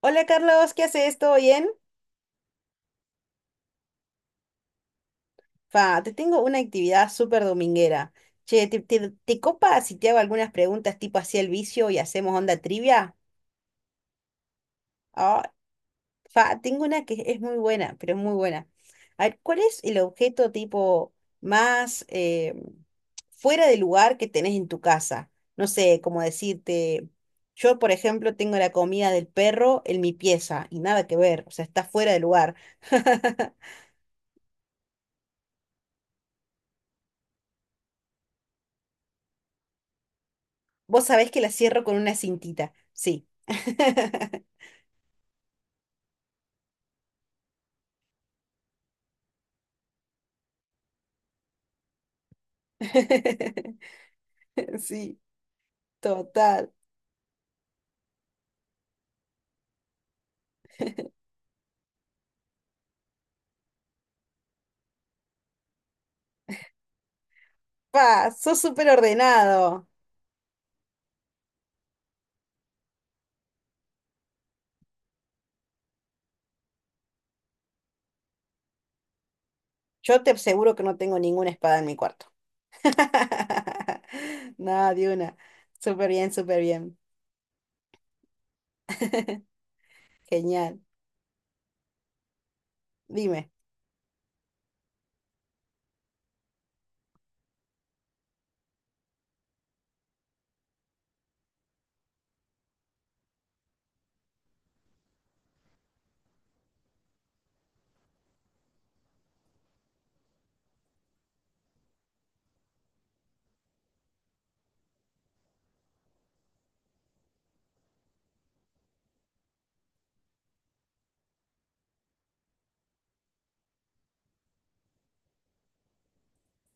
Hola Carlos, ¿qué haces? ¿Todo bien? Fa, te tengo una actividad súper dominguera. Che, ¿te copa si te hago algunas preguntas tipo así el vicio y hacemos onda trivia? Ah, fa, tengo una que es muy buena, pero es muy buena. A ver, ¿cuál es el objeto tipo más fuera de lugar que tenés en tu casa? No sé, como decirte, yo por ejemplo tengo la comida del perro en mi pieza y nada que ver, o sea, está fuera de lugar. Vos sabés que la cierro con una cintita, sí. Sí, total. Pa, sos súper ordenado. Yo te aseguro que no tengo ninguna espada en mi cuarto. Nada, de una. Súper bien, súper bien. Genial. Dime.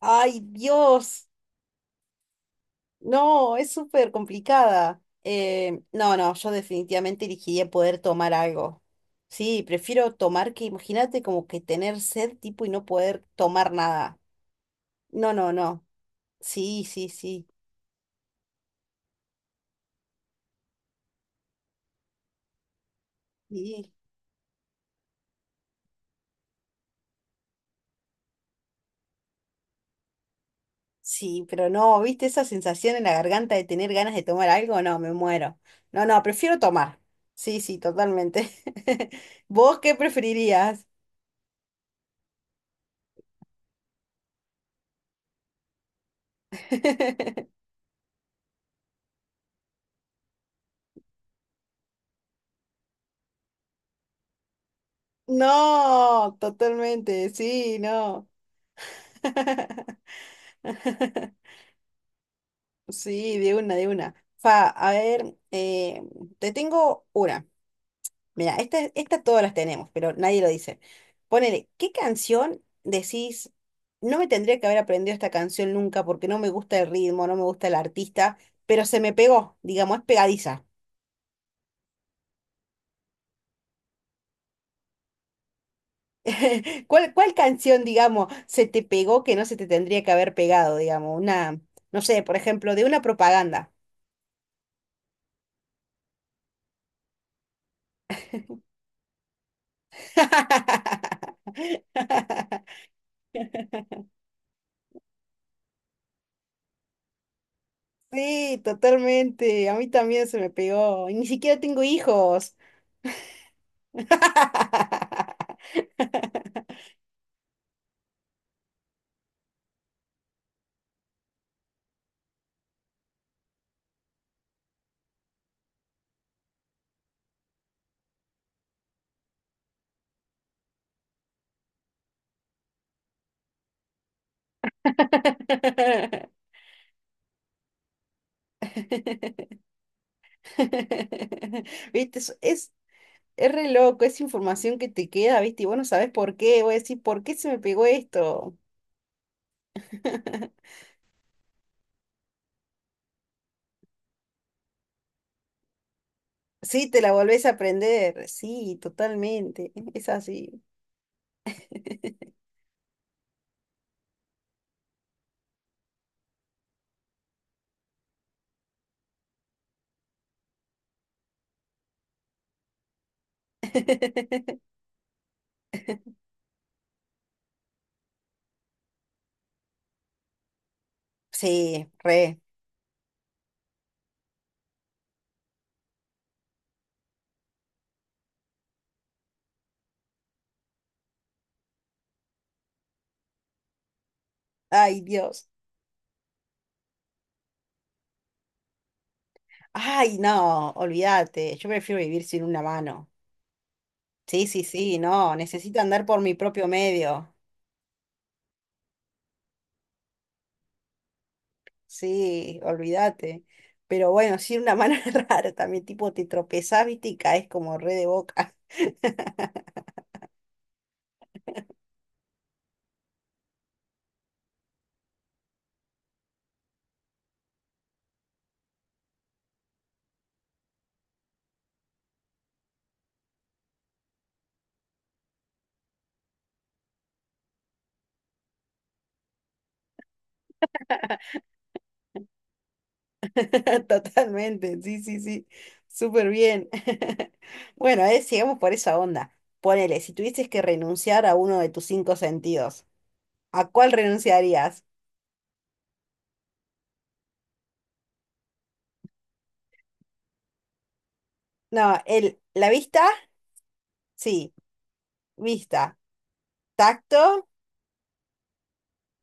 Ay, Dios. No, es súper complicada. No, no, yo definitivamente elegiría poder tomar algo. Sí, prefiero tomar que, imagínate, como que tener sed tipo y no poder tomar nada. No, no, no. Sí, sí, sí. Sí, sí, pero no, ¿viste esa sensación en la garganta de tener ganas de tomar algo? No, me muero. No, no, prefiero tomar. Sí, sí, totalmente. ¿Vos qué preferirías? No, totalmente, sí, no. Sí, de una, de una. Fa, a ver, te tengo una. Mira, esta todas las tenemos, pero nadie lo dice. Ponele, ¿qué canción decís? No me tendría que haber aprendido esta canción nunca porque no me gusta el ritmo, no me gusta el artista, pero se me pegó, digamos, es pegadiza. ¿Cuál canción, digamos, se te pegó que no se te tendría que haber pegado, digamos? Una, no sé, por ejemplo, de una propaganda. Sí, totalmente. A mí también se me pegó. Y ni siquiera tengo hijos. Viste, es re loco, es información que te queda, viste, y vos no sabés por qué. Voy a decir, ¿por qué se me pegó esto? Sí, te la volvés a aprender. Sí, totalmente. Es así. Sí, re. Ay, Dios. Ay, no, olvídate. Yo prefiero vivir sin una mano. Sí, sí, sí, no, necesito andar por mi propio medio. Sí, olvídate. Pero bueno, sí, una mano rara también, tipo te tropezás, viste, y caes como re de boca. Totalmente, sí, sí, sí, súper bien. Bueno, a ver, sigamos por esa onda. Ponele, si tuvieses que renunciar a uno de tus cinco sentidos, ¿a cuál renunciarías? No, el, la vista, sí, vista. Tacto.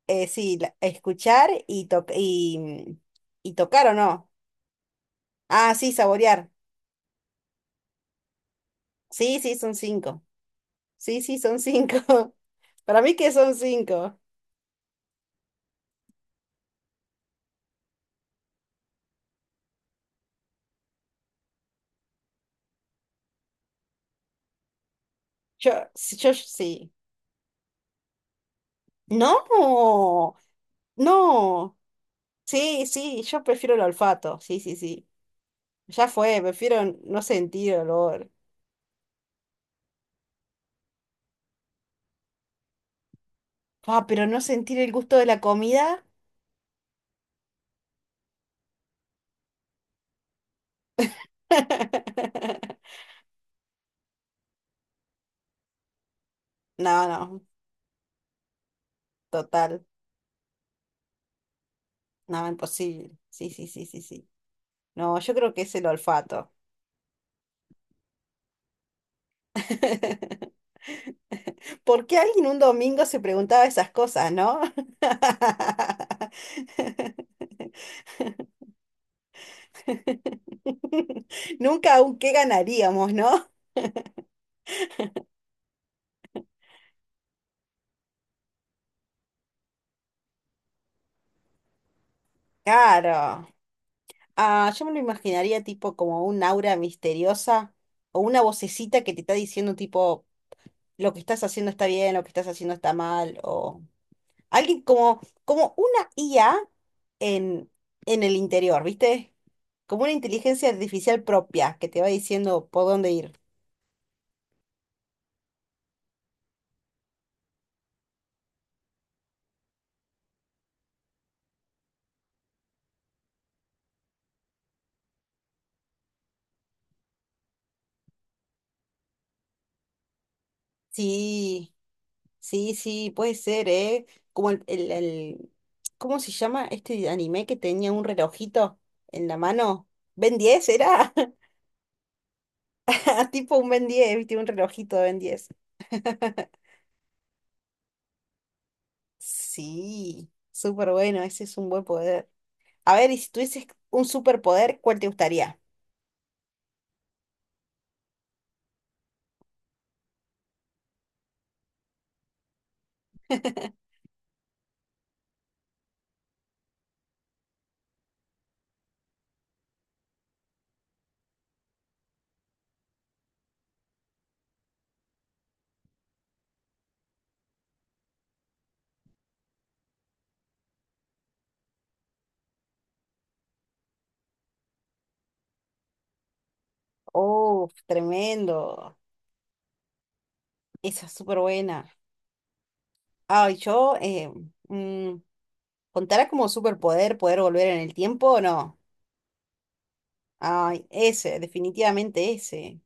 Sí, escuchar y, y, y tocar o no. Ah, sí, saborear. Sí, sí, son cinco. Sí, sí, son cinco. Para mí que son cinco. Yo, sí, yo sí. No, no. Sí, sí, yo prefiero el olfato. Sí, sí, sí. Ya fue, prefiero no sentir olor. Ah, pero no sentir el gusto de la comida. No, no, total. No, imposible. Sí, sí, sí, sí, sí. No, yo creo que es el olfato. ¿Por qué alguien un domingo se preguntaba esas cosas, no? Nunca aún qué ganaríamos, ¿no? Claro. Ah, yo me lo imaginaría tipo como un aura misteriosa o una vocecita que te está diciendo tipo lo que estás haciendo está bien, lo que estás haciendo está mal o... Alguien como, una IA en, en el interior, ¿viste? Como una inteligencia artificial propia que te va diciendo por dónde ir. Sí, sí, sí, puede ser, ¿eh? Como ¿cómo se llama este anime que tenía un relojito en la mano? ¿Ben 10 era? Tipo un Ben 10, ¿viste? Un relojito de Ben 10. Sí, súper bueno, ese es un buen poder. A ver, y si tuvieses un superpoder, ¿cuál te gustaría? Oh, tremendo. Esa es súper buena. Ay, yo, mm, ¿contará como superpoder poder volver en el tiempo o no? Ay, ese, definitivamente ese.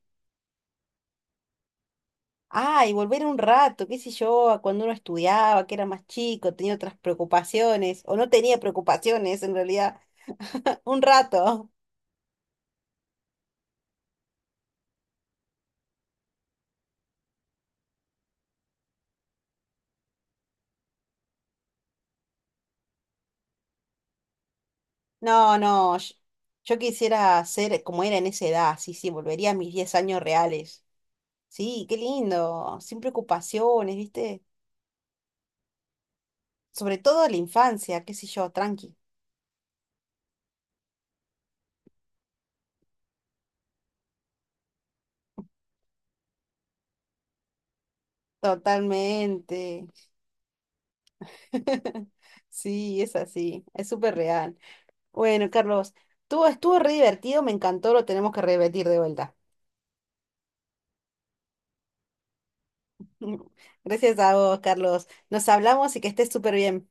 Ay, volver un rato, qué sé yo, a cuando uno estudiaba, que era más chico, tenía otras preocupaciones, o no tenía preocupaciones en realidad. Un rato. No, no, yo, quisiera ser como era en esa edad, sí, sí, volvería a mis 10 años reales. Sí, qué lindo, sin preocupaciones, ¿viste? Sobre todo la infancia, qué sé yo, tranqui. Totalmente. Sí, es así, es súper real. Bueno, Carlos, tú estuvo re divertido, me encantó, lo tenemos que repetir de vuelta. Gracias a vos, Carlos. Nos hablamos y que estés súper bien.